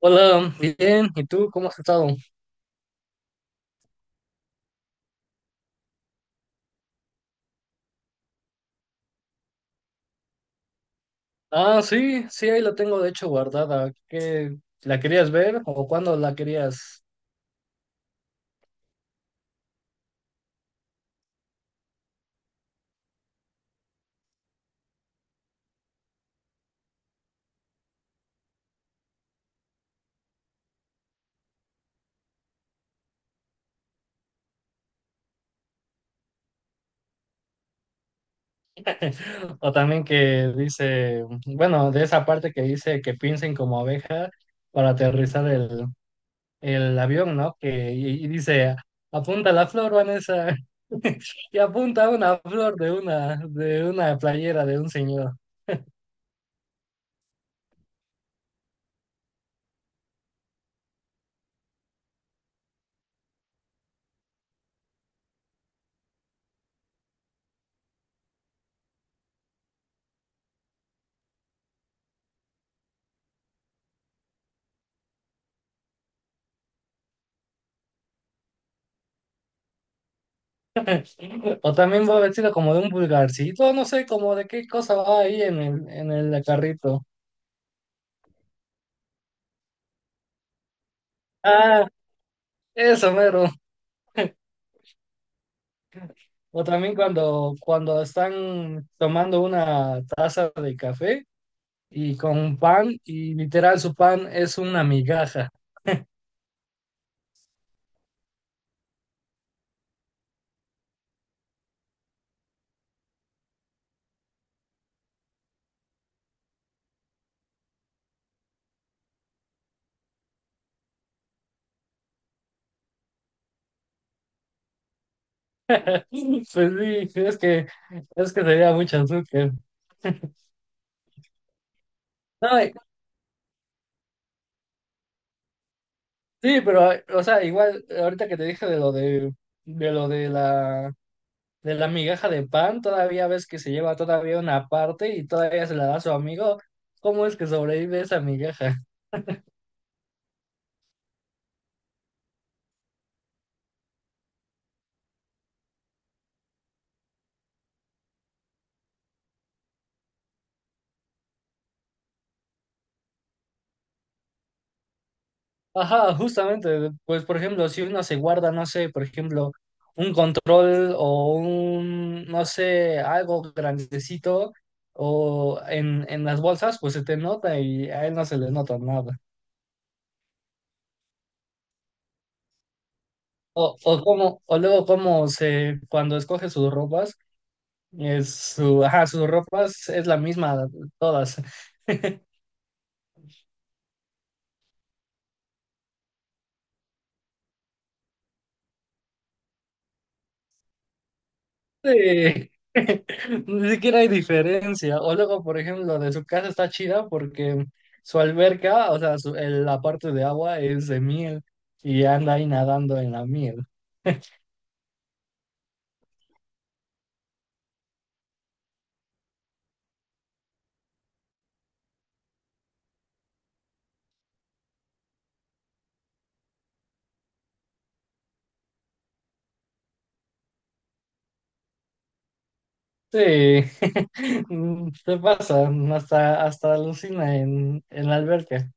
Hola, bien, ¿y tú cómo has estado? Ah, sí, sí, ahí la tengo de hecho guardada. ¿Qué, la querías ver o cuándo la querías? O también que dice, bueno, de esa parte que dice que piensen como abeja para aterrizar el avión, ¿no? Que, y dice, apunta la flor, Vanessa, y apunta una flor de una playera de un señor. O también va vestido como de un vulgarcito, no sé, como de qué cosa va ahí en el carrito. Ah, eso, mero. O también cuando, cuando están tomando una taza de café y con un pan, y literal su pan es una migaja. Pues sí, es que sería mucho azúcar. No, y- sí, pero, o sea, igual, ahorita que te dije de lo de la migaja de pan, todavía ves que se lleva todavía una parte y todavía se la da a su amigo. ¿Cómo es que sobrevive esa migaja? Ajá, justamente, pues por ejemplo, si uno se guarda, no sé, por ejemplo, un control o un, no sé, algo grandecito o en las bolsas, pues se te nota y a él no se le nota nada. O como, o luego cuando escoge sus ropas, es su, ajá, sus ropas es la misma todas. Sí. Ni siquiera hay diferencia. O luego, por ejemplo, de su casa está chida porque su alberca, o sea, su- el- la parte de agua es de miel y anda ahí nadando en la miel. Sí, mm, se pasa, hasta, hasta alucina en la alberca.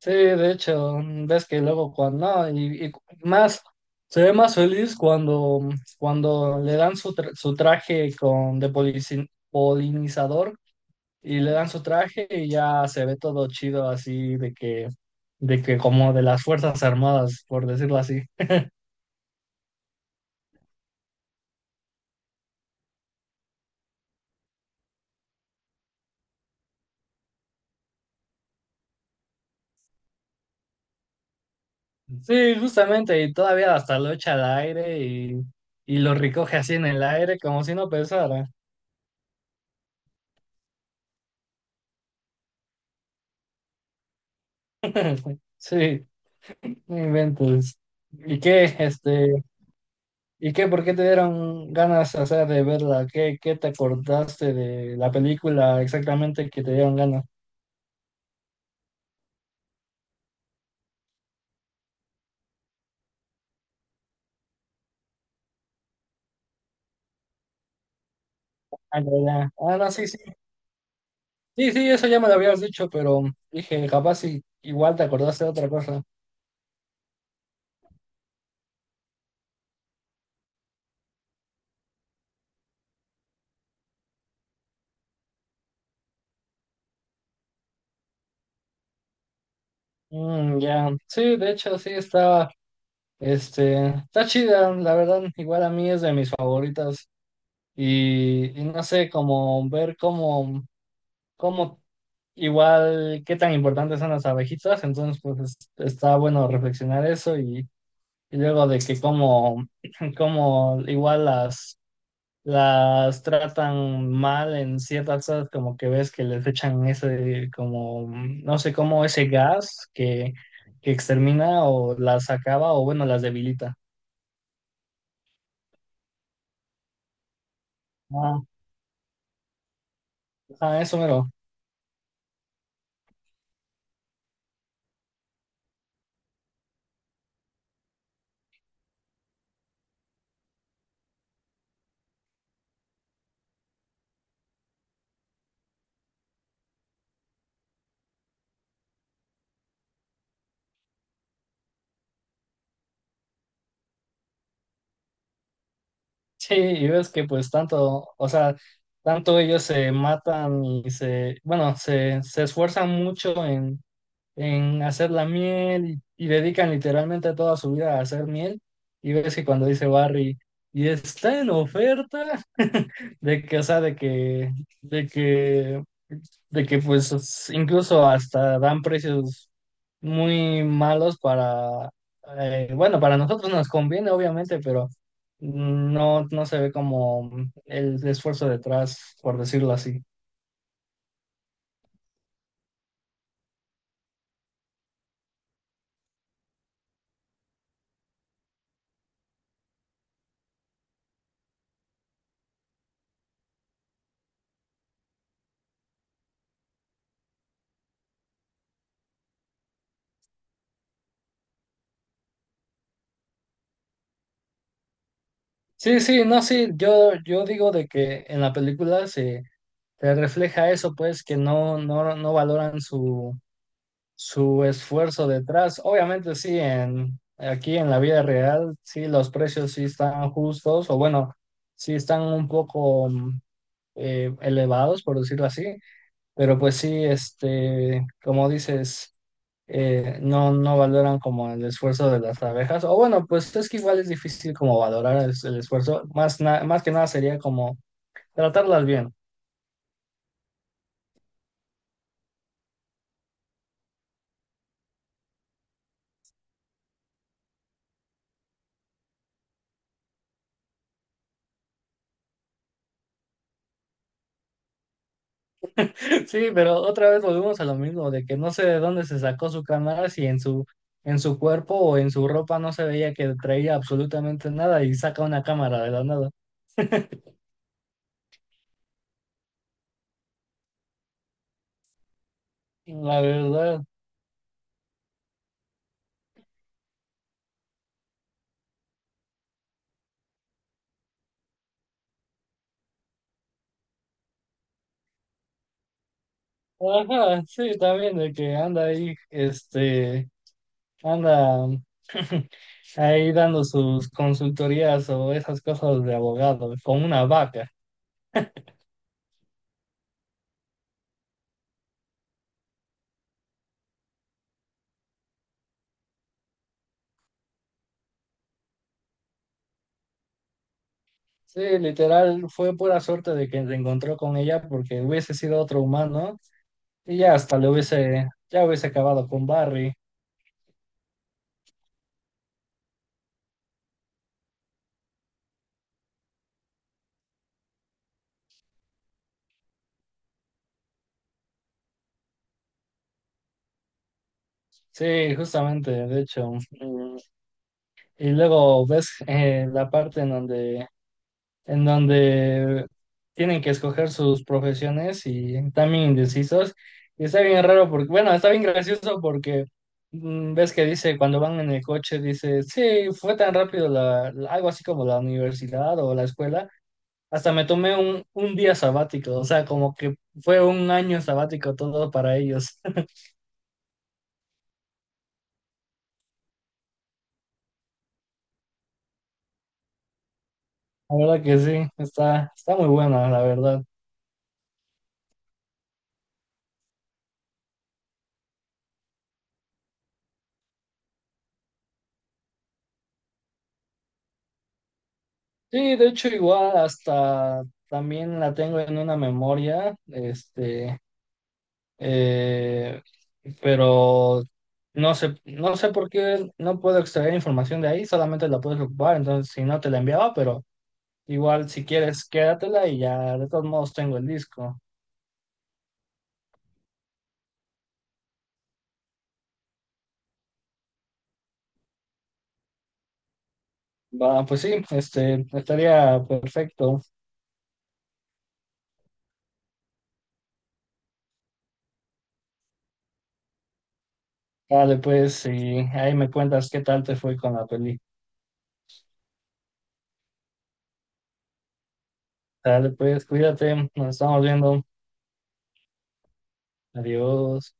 Sí, de hecho, ves que luego cuando, no, y más, se ve más feliz cuando, cuando le dan su, tra- su traje con, de polici- polinizador y le dan su traje y ya se ve todo chido así de que como de las Fuerzas Armadas, por decirlo así. Sí, justamente, y todavía hasta lo echa al aire y lo recoge así en el aire como si no pesara. Sí, no inventes. ¿Y qué, este, y qué, por qué te dieron ganas, o sea, de verla? ¿Qué, qué te acordaste de la película exactamente que te dieron ganas? Ah, ya, ya. Ah, no, sí, sí, sí, sí, eso ya me lo habías dicho, pero dije, capaz y- igual te acordaste de otra cosa. Mm, ya, sí, de hecho, sí, está, este, está chida, la verdad, igual a mí es de mis favoritas. Y no sé, como ver cómo, cómo, igual, qué tan importantes son las abejitas, entonces, pues, es- está bueno reflexionar eso y luego de que cómo, cómo igual las tratan mal en ciertas cosas, como que ves que les echan ese, como, no sé cómo, ese gas que extermina o las acaba o bueno, las debilita. Ah, ah, eso mero. Sí, y ves que pues tanto, o sea, tanto ellos se matan y se, bueno, se esfuerzan mucho en hacer la miel y dedican literalmente toda su vida a hacer miel. Y ves que cuando dice Barry, y está en oferta, de que, o sea, de que, de que, de que pues es- incluso hasta dan precios muy malos para, bueno, para nosotros nos conviene, obviamente, pero no, no se ve como el esfuerzo detrás, por decirlo así. Sí, sí, no, sí, yo digo de que en la película se te refleja eso, pues, que no, no valoran su, su esfuerzo detrás. Obviamente, sí, en, aquí en la vida real, sí, los precios sí están justos, o bueno, sí están un poco mm, elevados, por decirlo así, pero pues sí, este, como dices, no, no valoran como el esfuerzo de las abejas, o bueno, pues es que igual es difícil como valorar el esfuerzo, más, na- más que nada sería como tratarlas bien. Sí, pero otra vez volvemos a lo mismo, de que no sé de dónde se sacó su cámara, si en su, en su cuerpo o en su ropa no se veía que traía absolutamente nada y saca una cámara de la nada. La verdad. Ajá, sí, también de que anda ahí, este, anda ahí dando sus consultorías o esas cosas de abogado, con una vaca. Sí, literal, fue pura suerte de que se encontró con ella porque hubiese sido otro humano y ya hasta le hubiese, ya hubiese acabado con Barry. Sí, justamente, de hecho. Mm, y luego ves, la parte en donde tienen que escoger sus profesiones y también indecisos. Y está bien raro porque, bueno, está bien gracioso porque mm, ves que dice, cuando van en el coche, dice, sí, fue tan rápido la, la- algo así como la universidad o la escuela. Hasta me tomé un día sabático, o sea, como que fue un año sabático todo para ellos. La verdad que sí, está, está muy buena, la verdad. Sí, de hecho, igual hasta también la tengo en una memoria, este, eh, pero no sé, no sé por qué no puedo extraer información de ahí, solamente la puedes ocupar, entonces si no te la enviaba, pero igual si quieres, quédatela y ya de todos modos tengo el disco. Va, pues sí, este, estaría perfecto. Vale, pues, y ahí me cuentas qué tal te fue con la peli. Dale, pues, cuídate, nos estamos viendo. Adiós.